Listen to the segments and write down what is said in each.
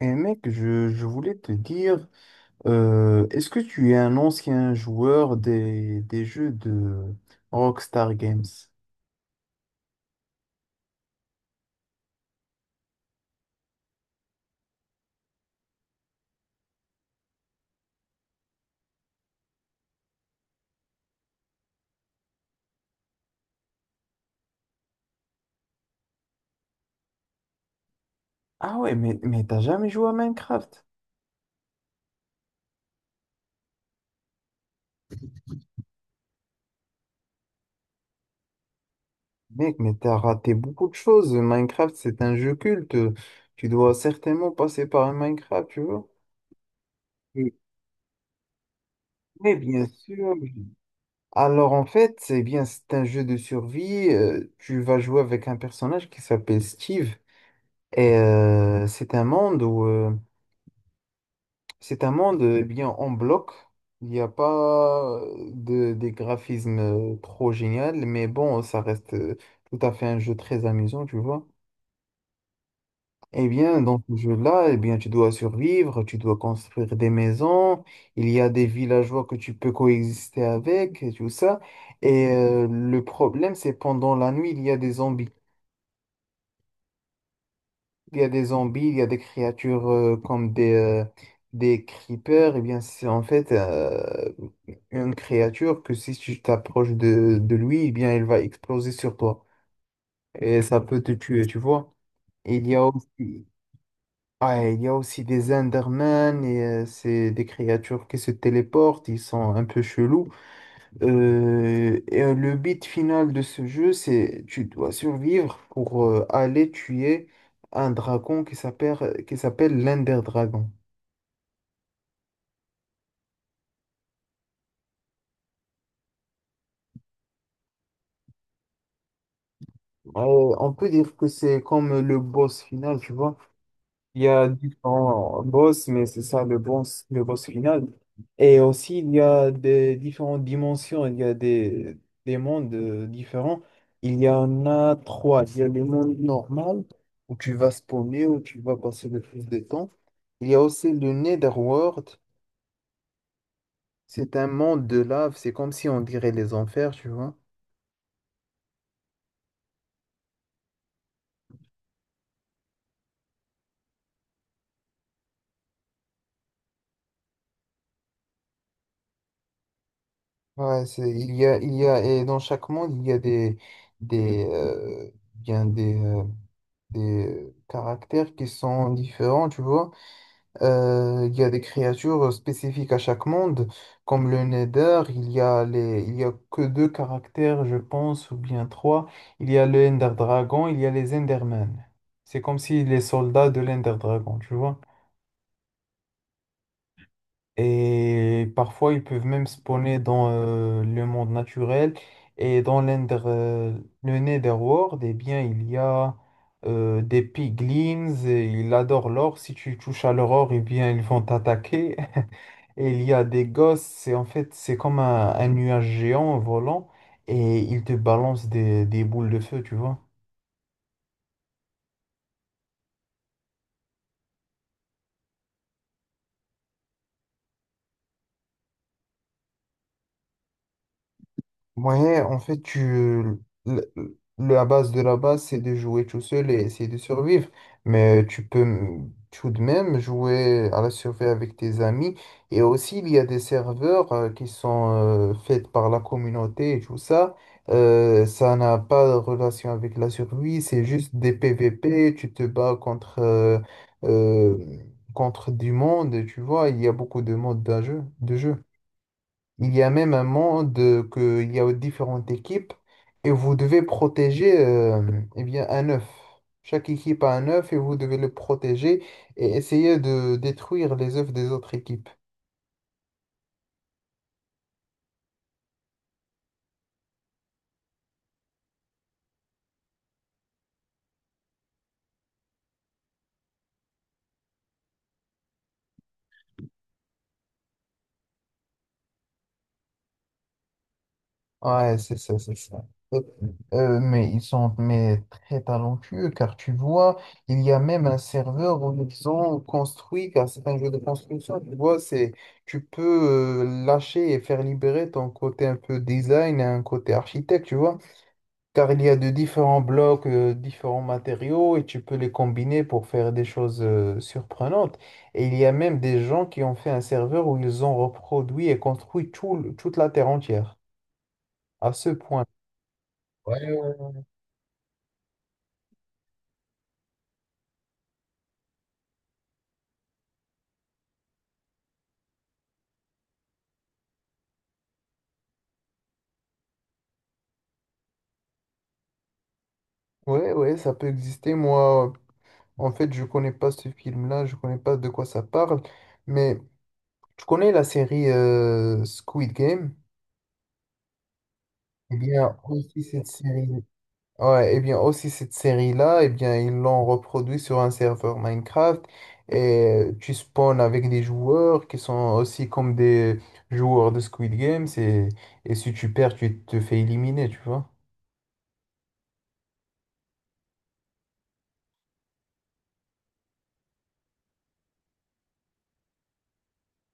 Et mec, je voulais te dire, est-ce que tu es un ancien joueur des jeux de Rockstar Games? Ah ouais, mais t'as jamais joué à Minecraft? Mec, mais t'as raté beaucoup de choses. Minecraft, c'est un jeu culte. Tu dois certainement passer par un Minecraft, tu vois? Oui, mais bien sûr. Alors en fait, c'est bien, c'est un jeu de survie. Tu vas jouer avec un personnage qui s'appelle Steve. Et c'est un monde c'est un monde bien en bloc. Il n'y a pas des graphismes trop génial, mais bon, ça reste tout à fait un jeu très amusant, tu vois. Eh bien, dans ce jeu-là, eh bien, tu dois survivre, tu dois construire des maisons, il y a des villageois que tu peux coexister avec, et tout ça. Et le problème, c'est pendant la nuit, il y a des zombies. Il y a des zombies, il y a des créatures comme des creepers. Et bien, c'est en fait une créature que si tu t'approches de lui, eh bien, elle va exploser sur toi. Et ça peut te tuer, tu vois. Il y a aussi, ouais, il y a aussi des Endermen. C'est des créatures qui se téléportent. Ils sont un peu chelous. Et le but final de ce jeu, c'est tu dois survivre pour aller tuer un dragon qui s'appelle l'Ender Dragon. On peut dire que c'est comme le boss final, tu vois. Il y a différents boss, mais c'est ça le boss final. Et aussi, il y a des différentes dimensions, il y a des mondes différents. Il y en a trois. Il y a le monde normal, où tu vas spawner, où tu vas passer le plus de temps. Il y a aussi le Netherworld. C'est un monde de lave, c'est comme si on dirait les enfers, tu vois. Ouais, et dans chaque monde, il y a des, euh, bien des, euh, des caractères qui sont différents, tu vois. Il y a des créatures spécifiques à chaque monde, comme le Nether, il y a que deux caractères, je pense, ou bien trois. Il y a le Ender Dragon, il y a les Endermen. C'est comme si les soldats de l'Ender Dragon, tu vois. Et parfois, ils peuvent même spawner dans le monde naturel. Et dans le Netherworld, eh bien, il y a des piglins. Et ils adorent l'or. Si tu touches à leur or, eh bien, ils vont t'attaquer. Et il y a des gosses. C'est, en fait, c'est comme un nuage géant volant. Et ils te balancent des boules de feu, tu vois. Ouais, en fait, la base de la base, c'est de jouer tout seul et essayer de survivre. Mais tu peux tout de même jouer à la survie avec tes amis. Et aussi, il y a des serveurs qui sont faits par la communauté et tout ça. Ça n'a pas de relation avec la survie, c'est juste des PVP. Tu te bats euh, contre du monde, tu vois. Il y a beaucoup de modes de jeu. Il y a même un monde que il y a différentes équipes et vous devez protéger eh bien un œuf. Chaque équipe a un œuf et vous devez le protéger et essayer de détruire les œufs des autres équipes. Ouais, c'est ça, c'est ça. Euh, mais ils sont mais très talentueux car tu vois, il y a même un serveur où ils ont construit, car c'est un jeu de construction, tu vois, c'est tu peux lâcher et faire libérer ton côté un peu design et un côté architecte, tu vois. Car il y a de différents blocs, différents matériaux et tu peux les combiner pour faire des choses surprenantes. Et il y a même des gens qui ont fait un serveur où ils ont reproduit et construit toute la Terre entière, à ce point. Ouais, ouais. Ouais, ouais, ça peut exister. Moi, en fait, je connais pas ce film-là, je connais pas de quoi ça parle, mais tu connais la série Squid Game? Eh bien, aussi cette série. Ouais, et bien aussi cette série-là, et bien ils l'ont reproduit sur un serveur Minecraft et tu spawns avec des joueurs qui sont aussi comme des joueurs de Squid Games et si tu perds, tu te fais éliminer, tu vois.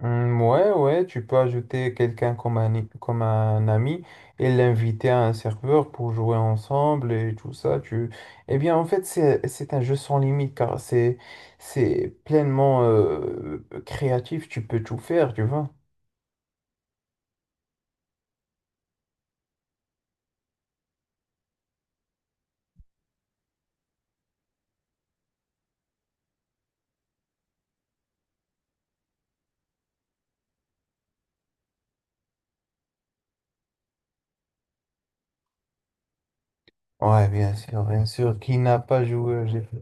Hmm, ouais, ouais, tu peux ajouter quelqu'un comme comme un ami et l'inviter à un serveur pour jouer ensemble et tout ça. Eh bien, en fait, c'est un jeu sans limite car c'est pleinement créatif, tu peux tout faire, tu vois. Ouais, bien sûr, bien sûr. Qui n'a pas joué j'ai jeu?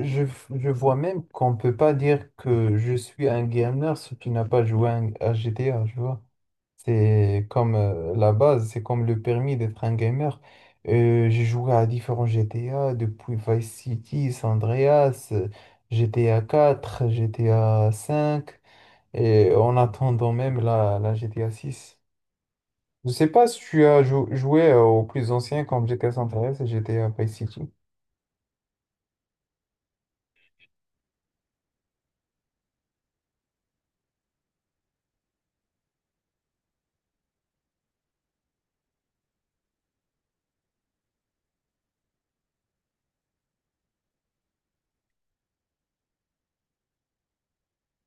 Je, je vois même qu'on peut pas dire que je suis un gamer si tu n'as pas joué à GTA, tu vois. C'est comme la base, c'est comme le permis d'être un gamer. J'ai joué à différents GTA, depuis Vice City, San Andreas, GTA 4, GTA 5, et en attendant même la GTA 6. Je sais pas si tu as joué aux plus anciens comme GTA San Andreas et GTA Vice City.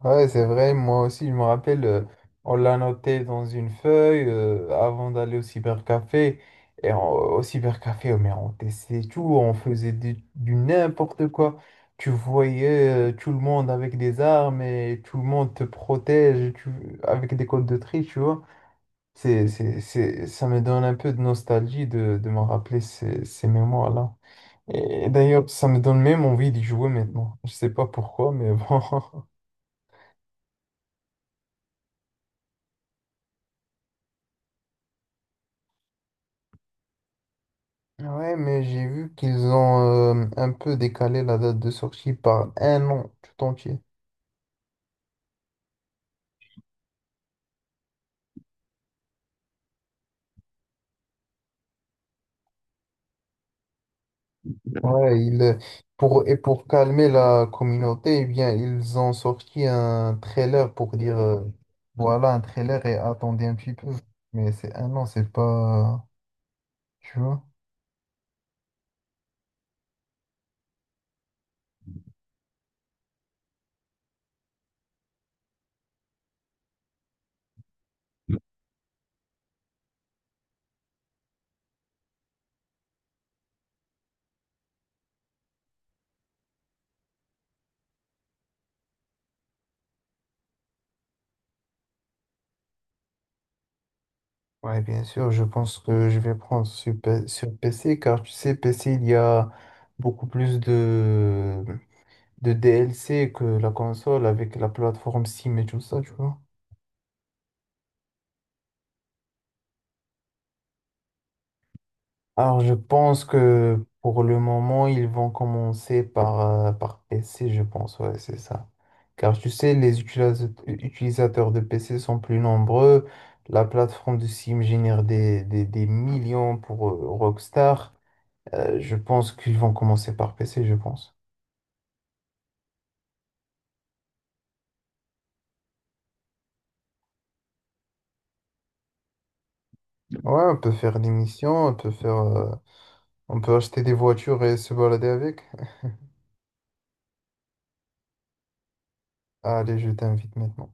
Ouais, c'est vrai, moi aussi, je me rappelle, on l'a noté dans une feuille avant d'aller au cybercafé. Et au cybercafé, oh, mais on testait tout, on faisait du n'importe quoi. Tu voyais tout le monde avec des armes et tout le monde te protège avec des codes de tri, tu vois. Ça me donne un peu de nostalgie de me rappeler ces mémoires-là. Et d'ailleurs, ça me donne même envie d'y jouer maintenant. Je sais pas pourquoi, mais bon. Ouais, mais j'ai vu qu'ils ont un peu décalé la date de sortie par un an tout entier. Ouais, et pour calmer la communauté, eh bien, ils ont sorti un trailer pour dire voilà un trailer et attendez un petit peu. Mais c'est un an, c'est pas. Tu vois? Ouais, bien sûr, je pense que je vais prendre sur PC car tu sais, PC, il y a beaucoup plus de DLC que la console avec la plateforme Steam et tout ça, tu vois. Alors, je pense que pour le moment, ils vont commencer par PC, je pense, ouais, c'est ça. Car tu sais, les utilisateurs de PC sont plus nombreux. La plateforme de Steam génère des millions pour Rockstar. Je pense qu'ils vont commencer par PC, je pense. Ouais, on peut faire des missions, on peut acheter des voitures et se balader avec. Allez, je t'invite maintenant.